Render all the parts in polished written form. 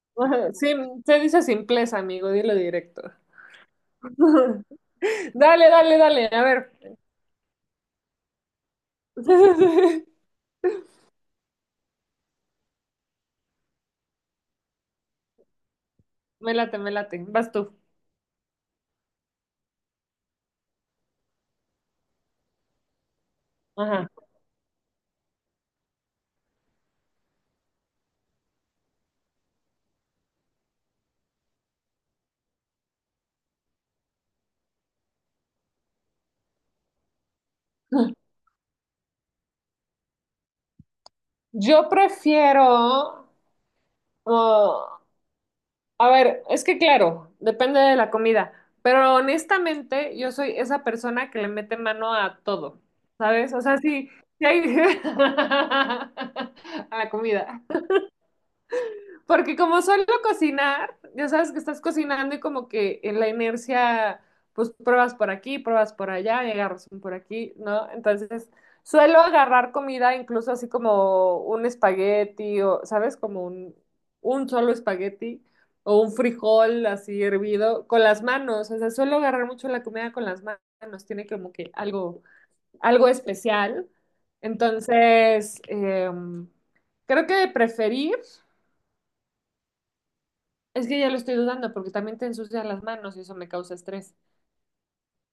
Ajá, sí, se dice simpleza, amigo, dilo directo. Dale, dale, dale, a ver. Me late, vas tú. Ajá. Yo prefiero, oh, a ver, es que claro, depende de la comida, pero honestamente yo soy esa persona que le mete mano a todo, ¿sabes? O sea, sí, sí hay- a la comida. Porque como suelo cocinar, ya sabes que estás cocinando y como que en la inercia, pues pruebas por aquí, pruebas por allá y agarras un por aquí, ¿no? Entonces, suelo agarrar comida incluso así como un espagueti o, ¿sabes? Como un solo espagueti o un frijol así hervido con las manos. O sea, suelo agarrar mucho la comida con las manos, tiene como que algo, algo especial. Entonces, em, creo que de preferir. Es que ya lo estoy dudando porque también te ensucian las manos y eso me causa estrés.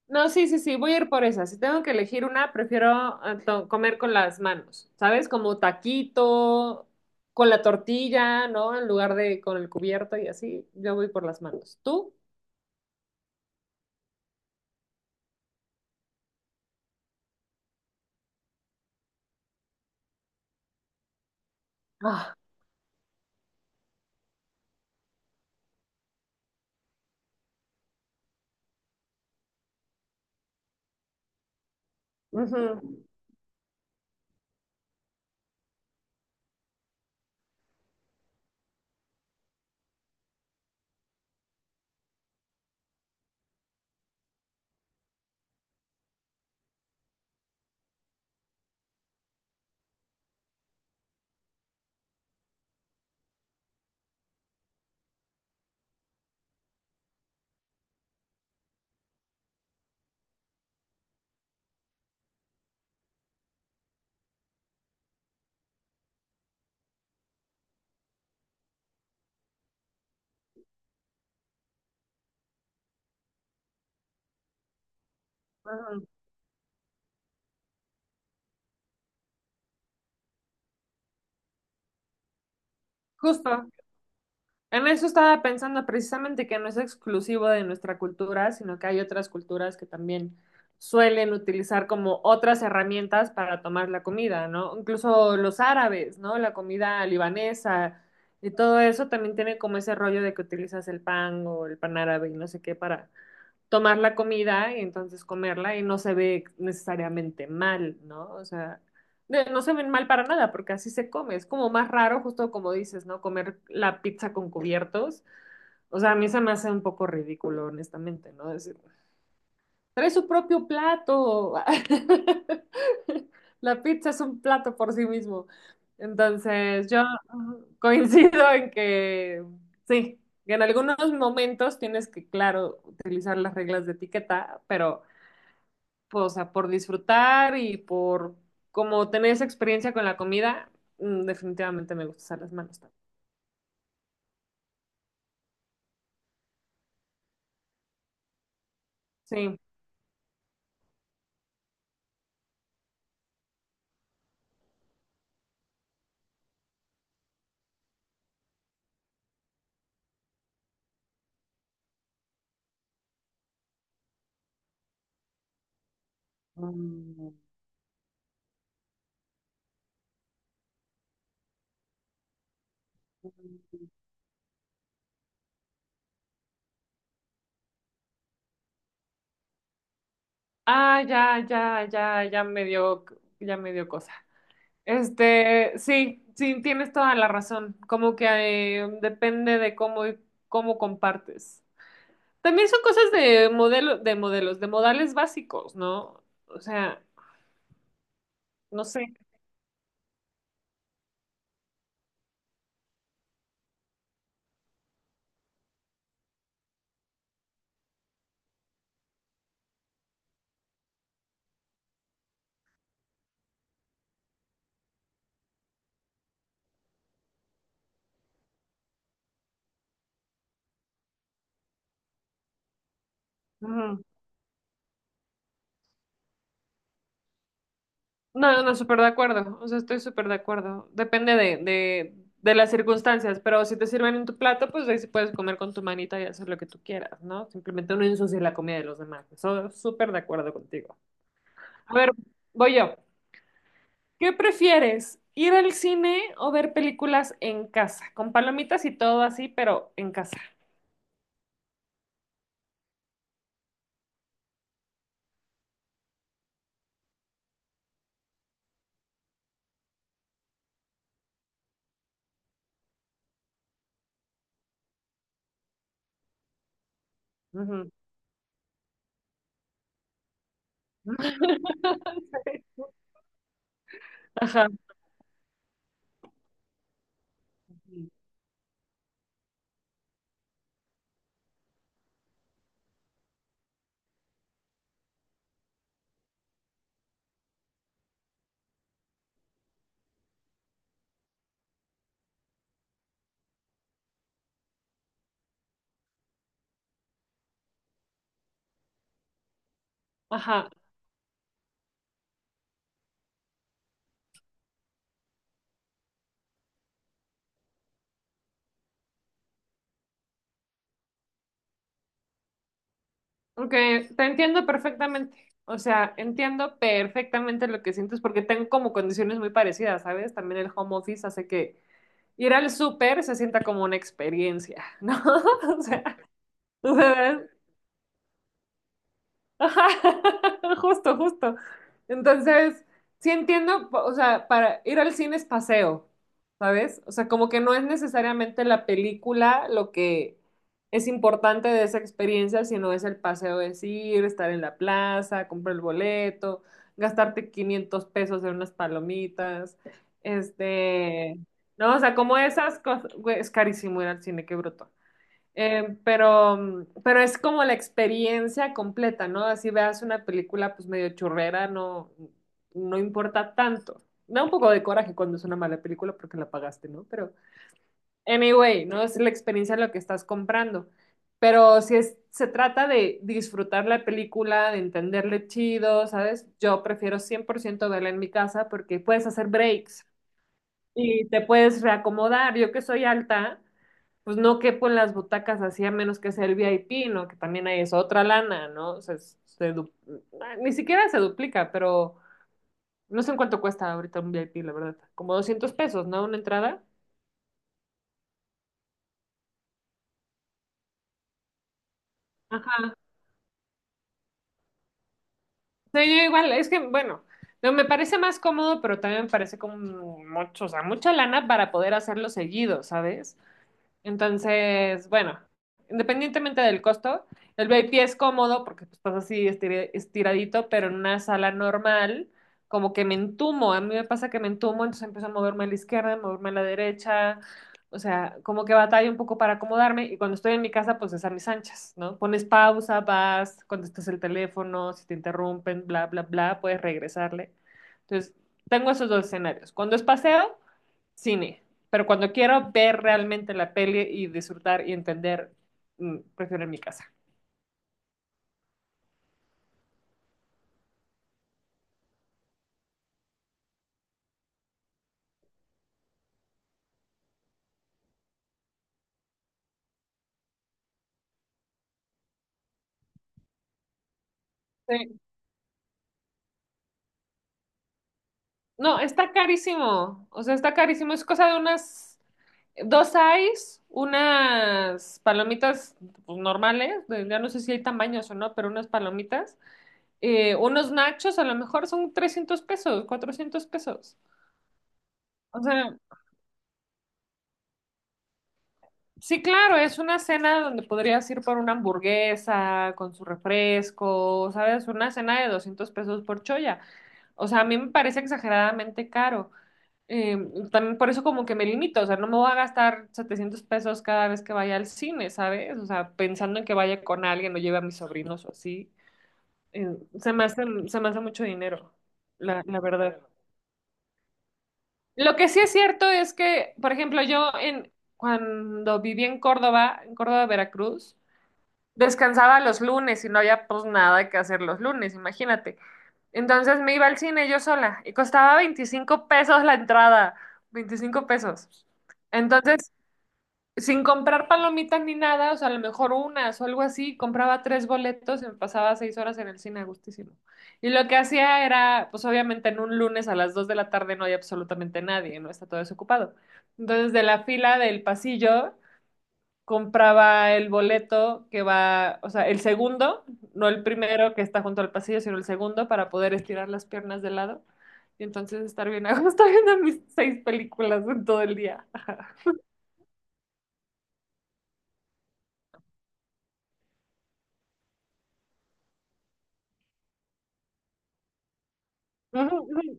No, sí, sí, sí, voy a ir por esa. Si tengo que elegir una, prefiero comer con las manos, ¿sabes? Como taquito, con la tortilla, ¿no? En lugar de con el cubierto y así, yo voy por las manos. ¿Tú? Ah, ujú, ujú. Justo. En eso estaba pensando precisamente que no es exclusivo de nuestra cultura, sino que hay otras culturas que también suelen utilizar como otras herramientas para tomar la comida, ¿no? Incluso los árabes, ¿no? La comida libanesa y todo eso también tiene como ese rollo de que utilizas el pan o el pan árabe y no sé qué para tomar la comida y entonces comerla y no se ve necesariamente mal, ¿no? O sea, no se ven mal para nada porque así se come. Es como más raro, justo como dices, ¿no? Comer la pizza con cubiertos. O sea, a mí se me hace un poco ridículo, honestamente, ¿no? Decir: "Trae su propio plato". La pizza es un plato por sí mismo. Entonces, yo coincido en que sí, que en algunos momentos tienes que, claro, utilizar las reglas de etiqueta, pero, pues, o sea, por disfrutar y por como tener esa experiencia con la comida, definitivamente me gusta usar las manos también. Sí. Mm. Ah, ya, ya, ya, ya me dio cosa. Este, sí, sí, tienes toda la razón. Como que depende de cómo compartes. También son cosas de modelo, de modelos, de modales básicos, ¿no? O sea, no sé. Ujú. No, no, súper de acuerdo. O sea, estoy súper de acuerdo. Depende de las circunstancias, pero si te sirven en tu plato, pues ahí sí puedes comer con tu manita y hacer lo que tú quieras, ¿no? Simplemente no ensuciar la comida de los demás. Eso súper de acuerdo contigo. A ver, voy yo. ¿Qué prefieres? ¿Ir al cine o ver películas en casa? Con palomitas y todo así, pero en casa. Ujú. Ajá, ajá. Ok, te entiendo perfectamente. O sea, entiendo perfectamente lo que sientes porque tengo como condiciones muy parecidas, ¿sabes? También el home office hace que ir al súper se sienta como una experiencia, ¿no? O sea, ¿sabes? Ajá, justo, justo. Entonces, sí entiendo, o sea, para ir al cine es paseo, ¿sabes? O sea, como que no es necesariamente la película lo que es importante de esa experiencia, sino es el paseo, es ir, estar en la plaza, comprar el boleto, gastarte 500 pesos en unas palomitas, este, no, o sea, como esas cosas, güey, es carísimo ir al cine, qué bruto. Pero es como la experiencia completa, ¿no? Así veas una película pues medio churrera, no, no importa tanto. Da un poco de coraje cuando es una mala película porque la pagaste, ¿no? Pero, anyway, ¿no? Es la experiencia lo que estás comprando. Pero si es, se trata de disfrutar la película, de entenderle chido, ¿sabes? Yo prefiero 100% verla en mi casa porque puedes hacer breaks y te puedes reacomodar. Yo que soy alta pues no quepo en las butacas así a menos que sea el VIP, ¿no? Que también hay es otra lana, ¿no? O sea, ni siquiera se duplica, pero no sé en cuánto cuesta ahorita un VIP, la verdad. Como 200 pesos, ¿no? Una entrada. Ajá. Sí, yo igual, es que, bueno, no, me parece más cómodo, pero también me parece como mucho, o sea, mucha lana para poder hacerlo seguido, ¿sabes? Entonces, bueno, independientemente del costo, el VIP es cómodo porque pues, estás así estiradito, pero en una sala normal, como que me entumo. A mí me pasa que me entumo, entonces empiezo a moverme a la izquierda, a moverme a la derecha. O sea, como que batalla un poco para acomodarme. Y cuando estoy en mi casa, pues es a mis anchas, ¿no? Pones pausa, vas, contestas el teléfono, si te interrumpen, bla, bla, bla, puedes regresarle. Entonces, tengo esos dos escenarios. Cuando es paseo, cine. Pero cuando quiero ver realmente la peli y disfrutar y entender, prefiero en mi casa. Sí. No, está carísimo. O sea, está carísimo. Es cosa de unas dos eyes, unas palomitas pues, normales. Ya no sé si hay tamaños o no, pero unas palomitas. Unos nachos, a lo mejor son 300 pesos, 400 pesos. O sea, sí, claro, es una cena donde podrías ir por una hamburguesa con su refresco, ¿sabes? Una cena de 200 pesos por choya. O sea, a mí me parece exageradamente caro. Eh, también por eso como que me limito, o sea, no me voy a gastar 700 pesos cada vez que vaya al cine, ¿sabes? O sea, pensando en que vaya con alguien o lleve a mis sobrinos o así. Eh, se me hace mucho dinero, la verdad. Lo que sí es cierto es que, por ejemplo, yo cuando viví en Córdoba, Veracruz, descansaba los lunes y no había pues nada que hacer los lunes, imagínate. Entonces me iba al cine yo sola y costaba 25 pesos la entrada, 25 pesos. Entonces, sin comprar palomitas ni nada, o sea, a lo mejor unas o algo así, compraba tres boletos y me pasaba 6 horas en el cine a gustísimo. Y lo que hacía era, pues obviamente en un lunes a las 2 de la tarde no hay absolutamente nadie, no está todo desocupado. Entonces, de la fila del pasillo compraba el boleto que va, o sea, el segundo, no el primero que está junto al pasillo, sino el segundo para poder estirar las piernas de lado y entonces estar bien a gusto viendo mis seis películas en todo el día. Ujú, ujú.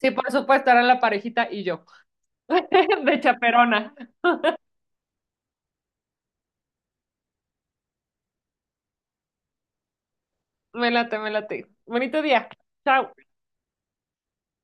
Sí, por supuesto, era la parejita y yo, de chaperona. Me late, me late. Bonito día. Chao.